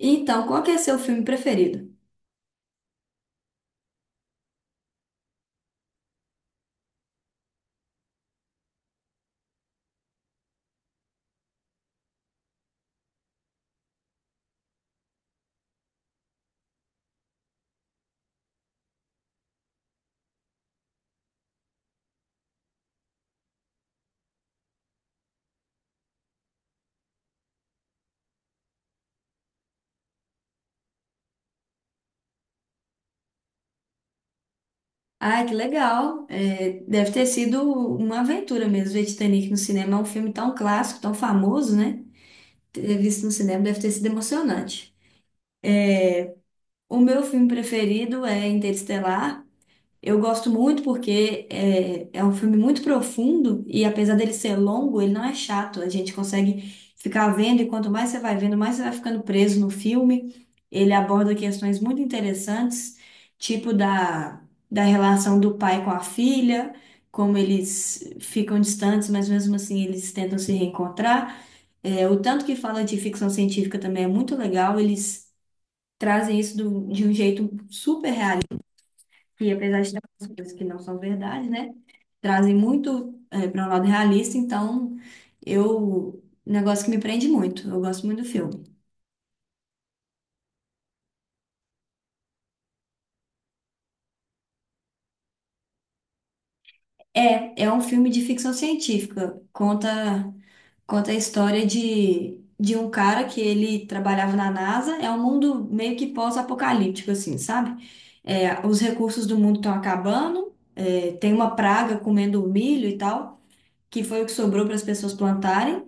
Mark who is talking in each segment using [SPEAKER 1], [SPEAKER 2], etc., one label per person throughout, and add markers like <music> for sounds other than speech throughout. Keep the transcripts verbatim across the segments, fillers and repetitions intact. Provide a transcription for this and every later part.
[SPEAKER 1] Então, qual que é seu filme preferido? Ah, que legal. É, deve ter sido uma aventura mesmo ver Titanic no cinema. É um filme tão clássico, tão famoso, né? Ter visto no cinema deve ter sido emocionante. O meu filme preferido é Interestelar. Eu gosto muito porque é, é um filme muito profundo e apesar dele ser longo, ele não é chato. A gente consegue ficar vendo e quanto mais você vai vendo, mais você vai ficando preso no filme. Ele aborda questões muito interessantes, tipo da, da relação do pai com a filha, como eles ficam distantes, mas mesmo assim eles tentam se reencontrar. É, o tanto que fala de ficção científica também é muito legal. Eles trazem isso do- de um jeito super que apesar de ter algumas coisas que não são verdade, né? Trazem muito para um lado realista, então eu. Um negócio que me prende muito, eu gosto muito do filme. É, é um filme de ficção científica, conta, conta a história de, de um cara que ele trabalhava na NASA, é um mundo meio que pós-apocalíptico, assim, sabe? É, os recursos do mundo estão acabando, é, tem uma praga comendo o milho e tal, que foi o que sobrou para as pessoas plantarem.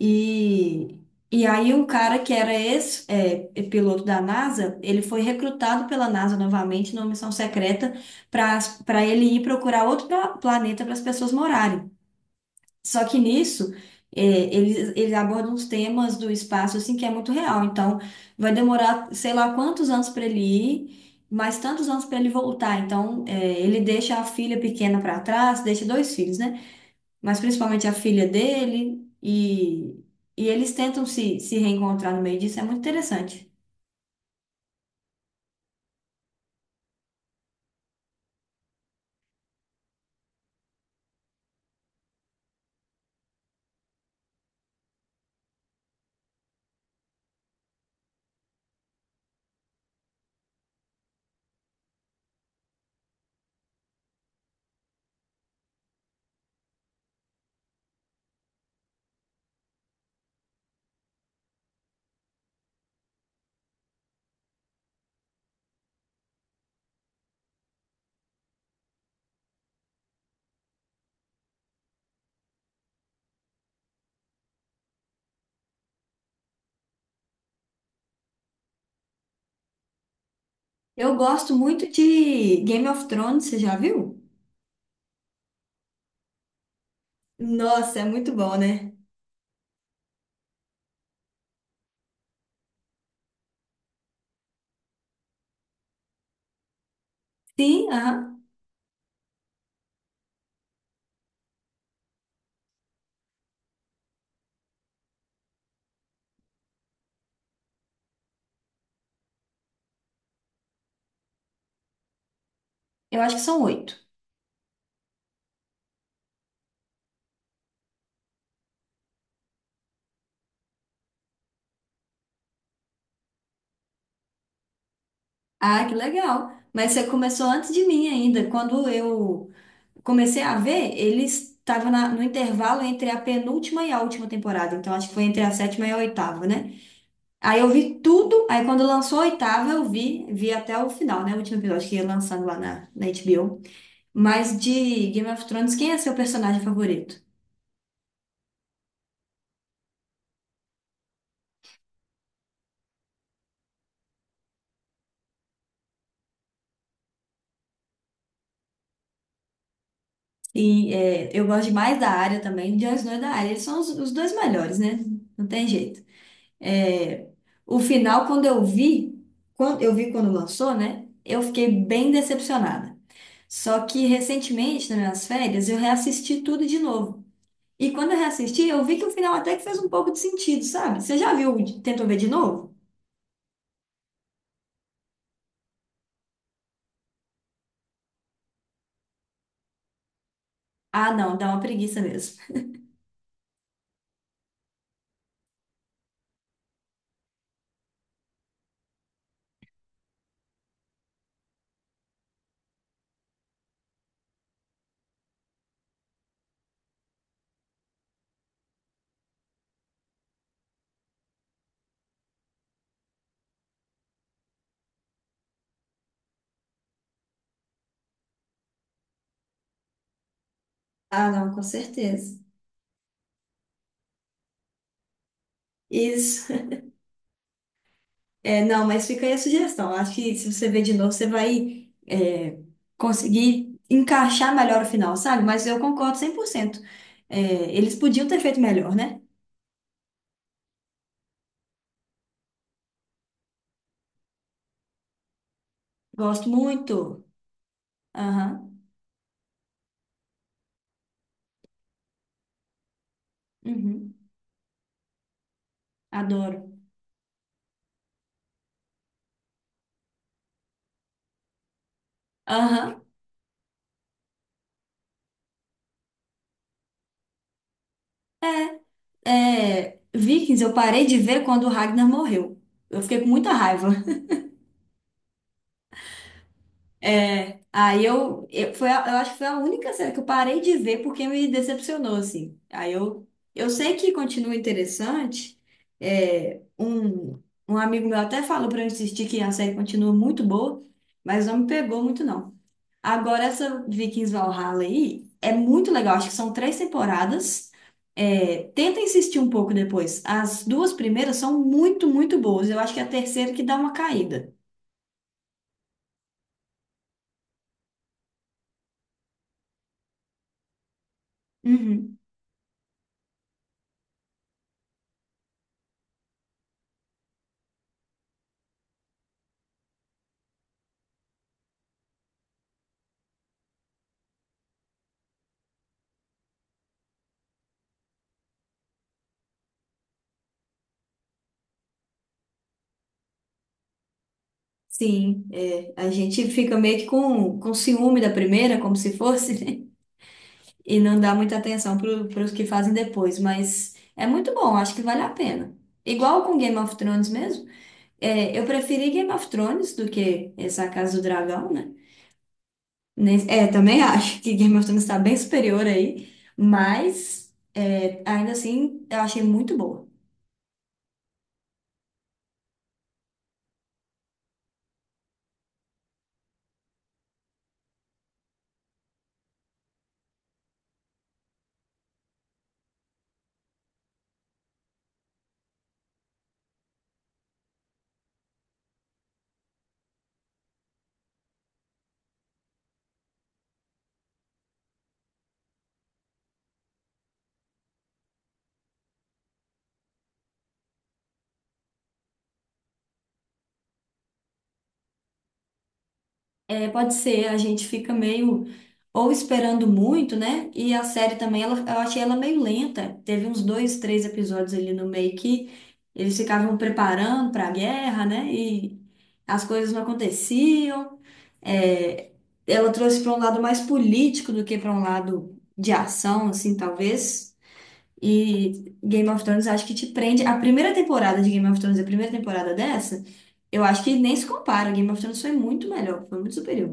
[SPEAKER 1] E e aí um cara que era ex, é, é piloto da NASA, ele foi recrutado pela NASA novamente numa missão secreta para para ele ir procurar outro pla- planeta para as pessoas morarem. Só que nisso é, eles, eles abordam os temas do espaço assim que é muito real. Então vai demorar sei lá quantos anos para ele ir. Mas tantos anos para ele voltar, então é, ele deixa a filha pequena para trás, deixa dois filhos, né? Mas principalmente a filha dele, e, e eles tentam se, se reencontrar no meio disso, é muito interessante. Eu gosto muito de Game of Thrones, você já viu? Nossa, é muito bom, né? Sim, aham. Eu acho que são oito. Ah, que legal. Mas você começou antes de mim ainda. Quando eu comecei a ver, eles estavam no intervalo entre a penúltima e a última temporada. Então, acho que foi entre a sétima e a oitava, né? Aí eu vi tudo, aí quando lançou a oitava eu vi, vi até o final, né? O último episódio que ia lançando lá na, na H B O. Mas de Game of Thrones, quem é seu personagem favorito? E é, eu gosto demais da área também, de Jon Snow e da área. Eles são os, os dois melhores, né? Não tem jeito. É, o final, quando eu vi, quando eu vi quando lançou, né? Eu fiquei bem decepcionada. Só que recentemente, nas minhas férias, eu reassisti tudo de novo. E quando eu reassisti, eu vi que o final até que fez um pouco de sentido, sabe? Você já viu, tentou ver de novo? Ah, não, dá uma preguiça mesmo. Ah, não, com certeza. Isso. É, não, mas fica aí a sugestão. Eu acho que se você ver de novo, você vai, é, conseguir encaixar melhor o final, sabe? Mas eu concordo cem por cento. É, eles podiam ter feito melhor, né? Gosto muito. Aham. Uhum. Adoro. Aham. É, Vikings, eu parei de ver quando o Ragnar morreu. Eu fiquei com muita raiva. É, aí eu, eu, foi a- eu acho que foi a única série que eu parei de ver porque me decepcionou, assim. Aí eu, eu sei que continua interessante. É, um, um amigo meu até falou pra eu insistir que a série continua muito boa, mas não me pegou muito, não. Agora, essa Vikings Valhalla aí é muito legal. Acho que são três temporadas. É, tenta insistir um pouco depois. As duas primeiras são muito, muito boas. Eu acho que é a terceira que dá uma caída. Uhum. Sim, é, a gente fica meio que com, com ciúme da primeira, como se fosse, né? <laughs> E não dá muita atenção para os que fazem depois, mas é muito bom, acho que vale a pena. Igual com Game of Thrones mesmo, é, eu preferi Game of Thrones do que essa Casa do Dragão, né? Nem- É, também <laughs> acho que Game of Thrones está bem superior aí, mas é, ainda assim eu achei muito boa. É, pode ser, a gente fica meio ou esperando muito, né? E a série também, ela, eu achei ela meio lenta. Teve uns dois, três episódios ali no meio que eles ficavam preparando para a guerra, né? E as coisas não aconteciam. É, ela trouxe para um lado mais político do que para um lado de ação, assim, talvez. E Game of Thrones acho que te prende. A primeira temporada de Game of Thrones, a primeira temporada dessa, eu acho que nem se compara. Game of Thrones foi muito melhor, foi muito superior.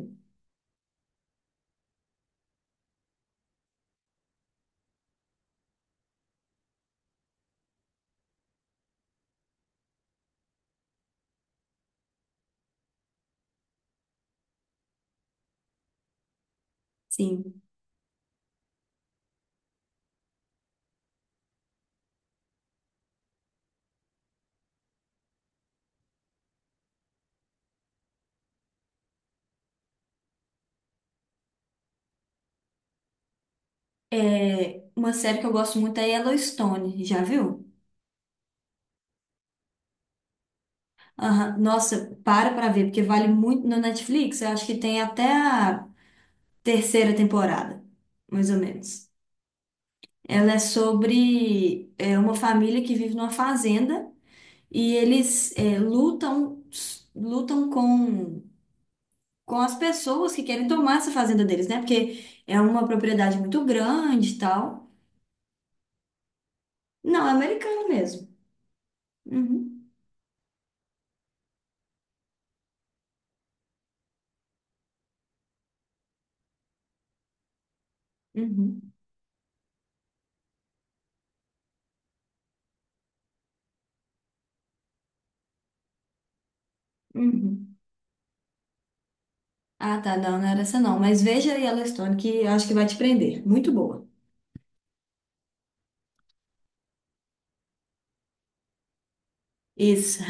[SPEAKER 1] Sim. É, uma série que eu gosto muito é Yellowstone, já viu? Aham. Nossa, para pra ver, porque vale muito no Netflix. Eu acho que tem até a terceira temporada, mais ou menos. Ela é sobre é, uma família que vive numa fazenda e eles é, lutam, lutam com, com as pessoas que querem tomar essa fazenda deles, né? Porque é uma propriedade muito grande e tal. Não, é americano mesmo. Uhum, uhum, uhum. Ah, tá, não, não era essa não. Mas veja aí ela Stone, que eu acho que vai te prender. Muito boa. Isso.